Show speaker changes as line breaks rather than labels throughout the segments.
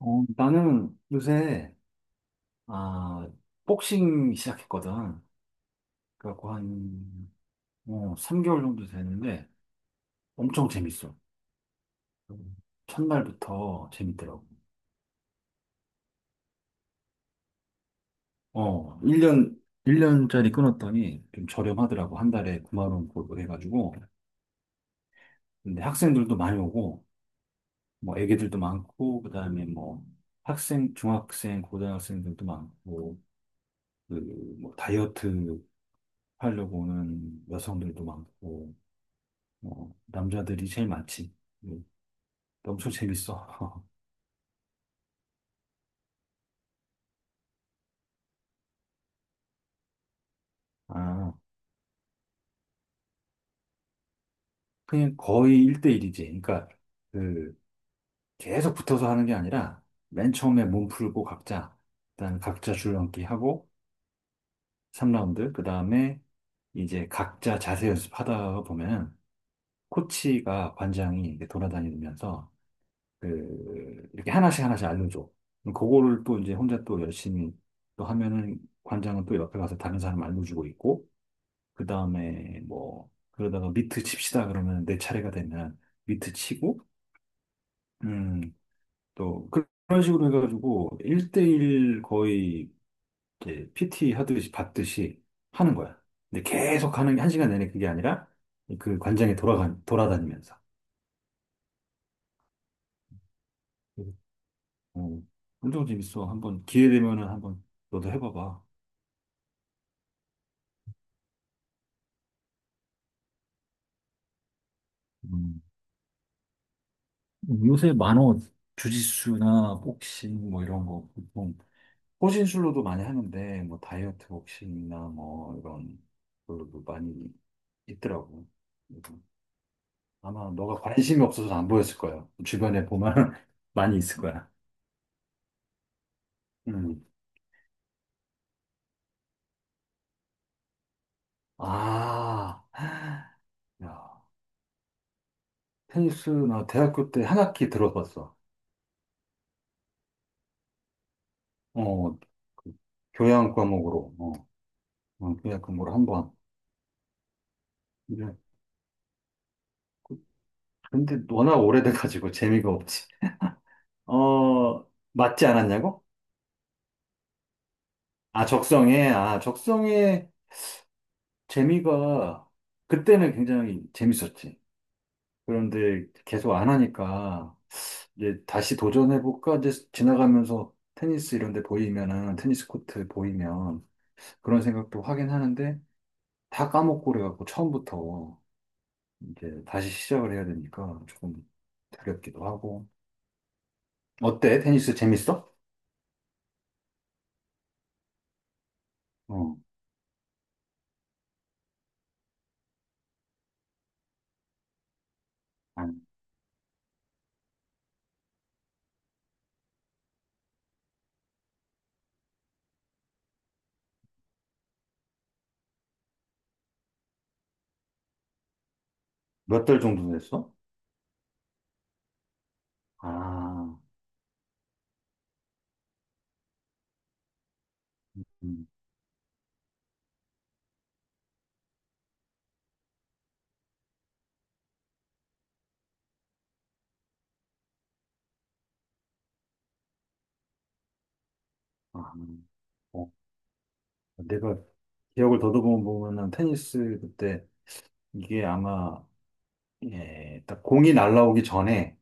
나는 요새, 아, 복싱 시작했거든. 그래갖고 3개월 정도 됐는데, 엄청 재밌어. 첫날부터 재밌더라고. 어, 1년, 일 년짜리 끊었더니 좀 저렴하더라고. 한 달에 9만 원 골고 해가지고. 근데 학생들도 많이 오고, 뭐 애기들도 많고, 그다음에 뭐 학생, 중학생, 고등학생들도 많고, 그 뭐 다이어트 하려고 오는 여성들도 많고, 남자들이 제일 많지. 음, 엄청 재밌어. 아, 그냥 거의 1대1이지. 그, 계속 붙어서 하는 게 아니라, 맨 처음에 몸 풀고 각자, 일단 각자 줄넘기 하고, 3라운드, 그 다음에 이제 각자 자세 연습하다 보면, 코치가 관장이 이렇게 돌아다니면서, 이렇게 하나씩 하나씩 알려줘. 그럼 그거를 또 이제 혼자 또 열심히 또 하면은, 관장은 또 옆에 가서 다른 사람 알려주고 있고, 그 다음에 뭐 그러다가 미트 칩시다 그러면 내 차례가 되면 미트 치고 음 또 그런 식으로 해가지고 1대1 거의 이제 PT 하듯이 받듯이 하는 거야. 근데 계속 하는 게 한 시간 내내 그게 아니라 그 관장에 돌아가 돌아다니면서. 음. 어, 엄청 재밌어. 한번 기회 되면은 한번 너도 해봐봐. 음, 요새 만원 주짓수나 복싱 뭐 이런 거 보통 호신술로도 많이 하는데 뭐 다이어트 복싱이나 뭐 이런 걸로도 많이 있더라고. 그래서 아마 너가 관심이 없어서 안 보였을 거야. 주변에 보면 많이 있을 거야. 음. 아, 야, 테니스 나 대학교 때 한 학기 들어봤어. 어, 그 교양 과목으로, 어, 교양 과목으로 한 번. 근데 근데 워낙 오래돼가지고 재미가 없지. 어, 맞지 않았냐고? 아, 적성에, 아, 적성에. 재미가 그때는 굉장히 재밌었지. 그런데 계속 안 하니까 이제 다시 도전해볼까 이제 지나가면서 테니스 이런 데 보이면은 테니스 코트 보이면 그런 생각도 하긴 하는데 다 까먹고 그래갖고 처음부터 이제 다시 시작을 해야 되니까 조금 두렵기도 하고 어때? 테니스 재밌어? 어. 몇 달 정도 됐어? 아, 음, 아, 어, 내가 기억을 더듬어 보면은 테니스 그때 이게 아마 예, 딱 공이 날라오기 전에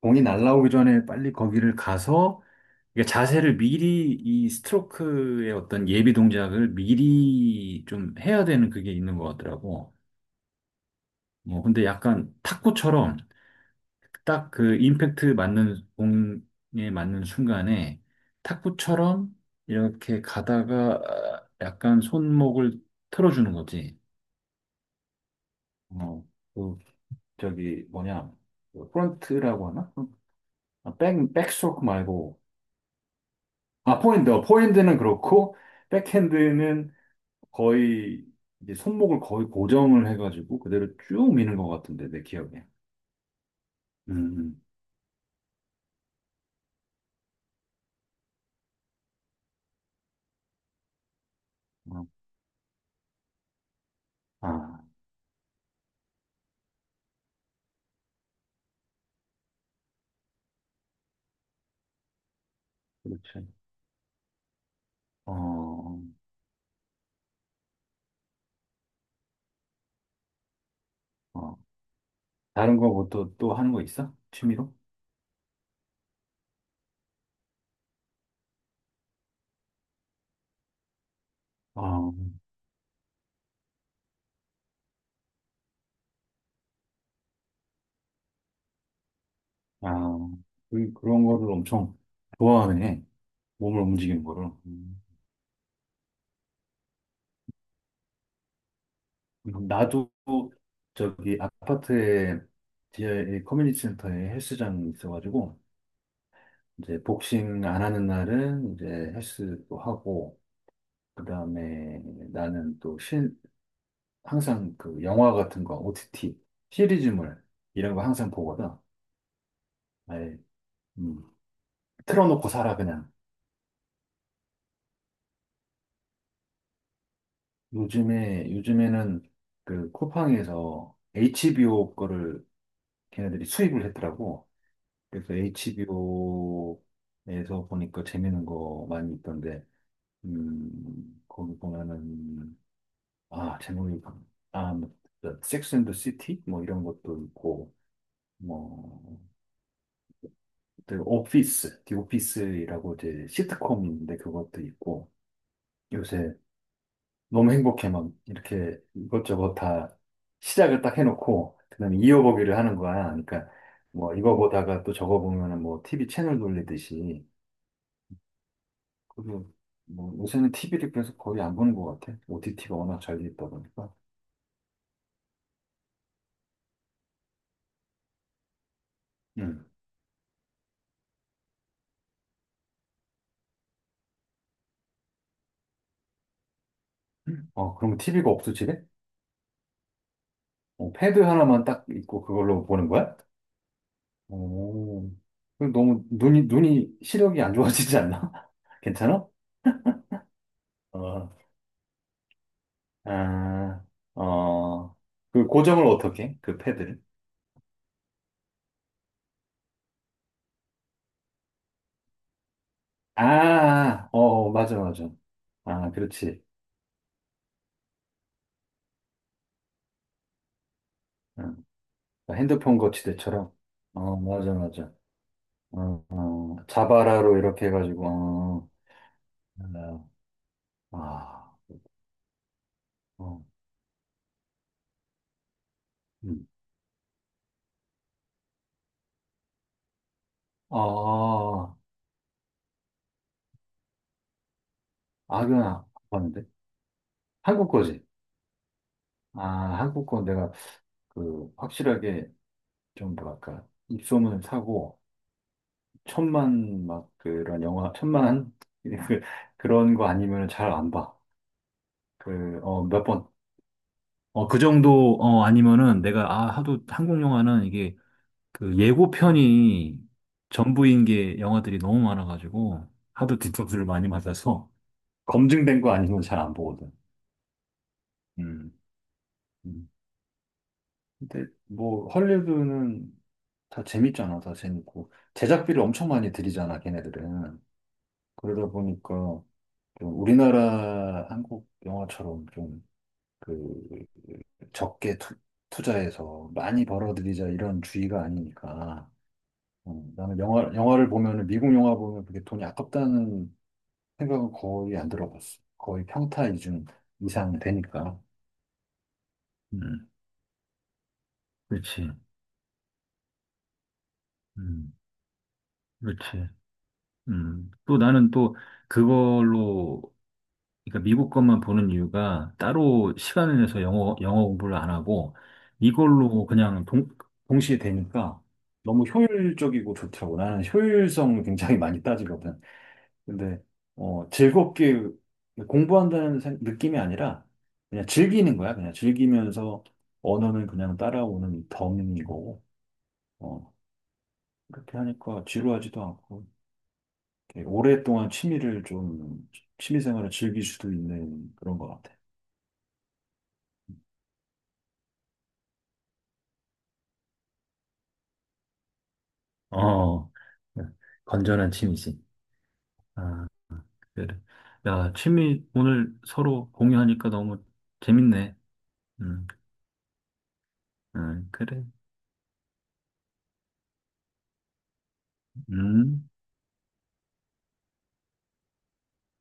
공이 날라오기 전에 빨리 거기를 가서 이게 자세를 미리 이 스트로크의 어떤 예비 동작을 미리 좀 해야 되는 그게 있는 것 같더라고. 뭐 근데 약간 탁구처럼 딱 그 임팩트 맞는 공에 맞는 순간에 탁구처럼 이렇게 가다가 약간 손목을 틀어주는 거지. 어, 그 저기 뭐냐? 그 프런트라고 하나? 아, 백, 백스트로크 말고. 아, 포핸드. 어, 포핸드는 그렇고, 백핸드는 거의, 이제 손목을 거의 고정을 해가지고 그대로 쭉 미는 것 같은데, 내 기억에. 음, 어, 아, 그렇지. 어, 어. 다른 거 뭐 또, 또 하는 거 있어? 취미로? 어, 아, 그런 거를 엄청 좋아하네. 몸을 움직이는 거를. 음. 나도 저기 아파트에, 지하에 커뮤니티 센터에 헬스장 있어가지고, 이제 복싱 안 하는 날은 이제 헬스도 하고, 그 다음에 나는 또 신, 항상 그 영화 같은 거, OTT, 시리즈물, 이런 거 항상 보거든. 아예, 음, 틀어놓고 살아, 그냥. 요즘에는 그 쿠팡에서 HBO 거를 걔네들이 수입을 했더라고. 그래서 HBO에서 보니까 재밌는 거 많이 있던데, 거기 보면은 아, 제목이, 아, 뭐, 섹스 앤더 시티? 뭐 이런 것도 있고, 뭐, 그 오피스, 디 오피스라고 이제 시트콤인데 그것도 있고, 요새 너무 행복해 막 이렇게 이것저것 다 시작을 딱 해놓고, 그다음에 이어보기를 하는 거야. 그러니까 뭐 이거 보다가 또 저거 보면은 뭐 TV 채널 돌리듯이, 그리고 뭐 요새는 TV를 그래서 거의 안 보는 것 같아. OTT가 워낙 잘 돼 있다 보니까. 음. 어, 그럼 TV가 없어, 지 어, 패드 하나만 딱 있고 그걸로 보는 거야? 오, 그 너무 눈이, 눈이 시력이 안 좋아지지 않나? 괜찮아? 어, 아, 어, 그 고정을 어떻게 해? 그 패드를? 아, 어, 어, 맞아, 맞아. 아, 그렇지. 어, 핸드폰 거치대처럼. 어, 맞아, 맞아. 자바라로 이렇게 해가지고, 어, 아, 어, 음. 아, 아, 아. 아, 그건 안 봤는데. 한국 거지. 아, 한국 건 내가 그 확실하게 좀 뭐랄까 입소문을 사고 천만 그 그런 거 아니면 잘 안 봐. 그 어 몇 번. 어, 그 정도, 어, 아니면은 내가, 아, 하도 한국 영화는 이게 그 예고편이 전부인 게 영화들이 너무 많아가지고 하도 뒤통수를 많이 맞아서 검증된 거 아니면 잘 안 보거든. 음. 음. 근데 뭐 헐리우드는 다 재밌잖아, 다 재밌고 제작비를 엄청 많이 들이잖아, 걔네들은. 그러다 보니까 좀 우리나라 한국 영화처럼 그 적게 투, 투자해서 많이 벌어들이자 이런 주의가 아니니까. 어, 나는 영화를 보면은 미국 영화 보면 그게 돈이 아깝다는 생각은 거의 안 들어봤어. 거의 평타 이중 이상 되니까. 음, 그렇지. 음, 그렇지. 또 나는 또 그걸로, 그러니까 미국 것만 보는 이유가 따로 시간을 내서 영어 공부를 안 하고 이걸로 동시에 되니까 너무 효율적이고 좋더라고. 나는 효율성을 굉장히 많이 따지거든. 근데, 어, 즐겁게 느낌이 아니라 그냥 즐기는 거야. 그냥 즐기면서 언어는 그냥 따라오는 덤이고 어, 그렇게 하니까 지루하지도 않고. 이렇게 오랫동안 취미 생활을 즐길 수도 있는 그런 것 같아. 어, 네. 건전한 취미지. 아, 그래. 야, 취미 오늘 서로 공유하니까 너무 재밌네. 음, 그래. 음.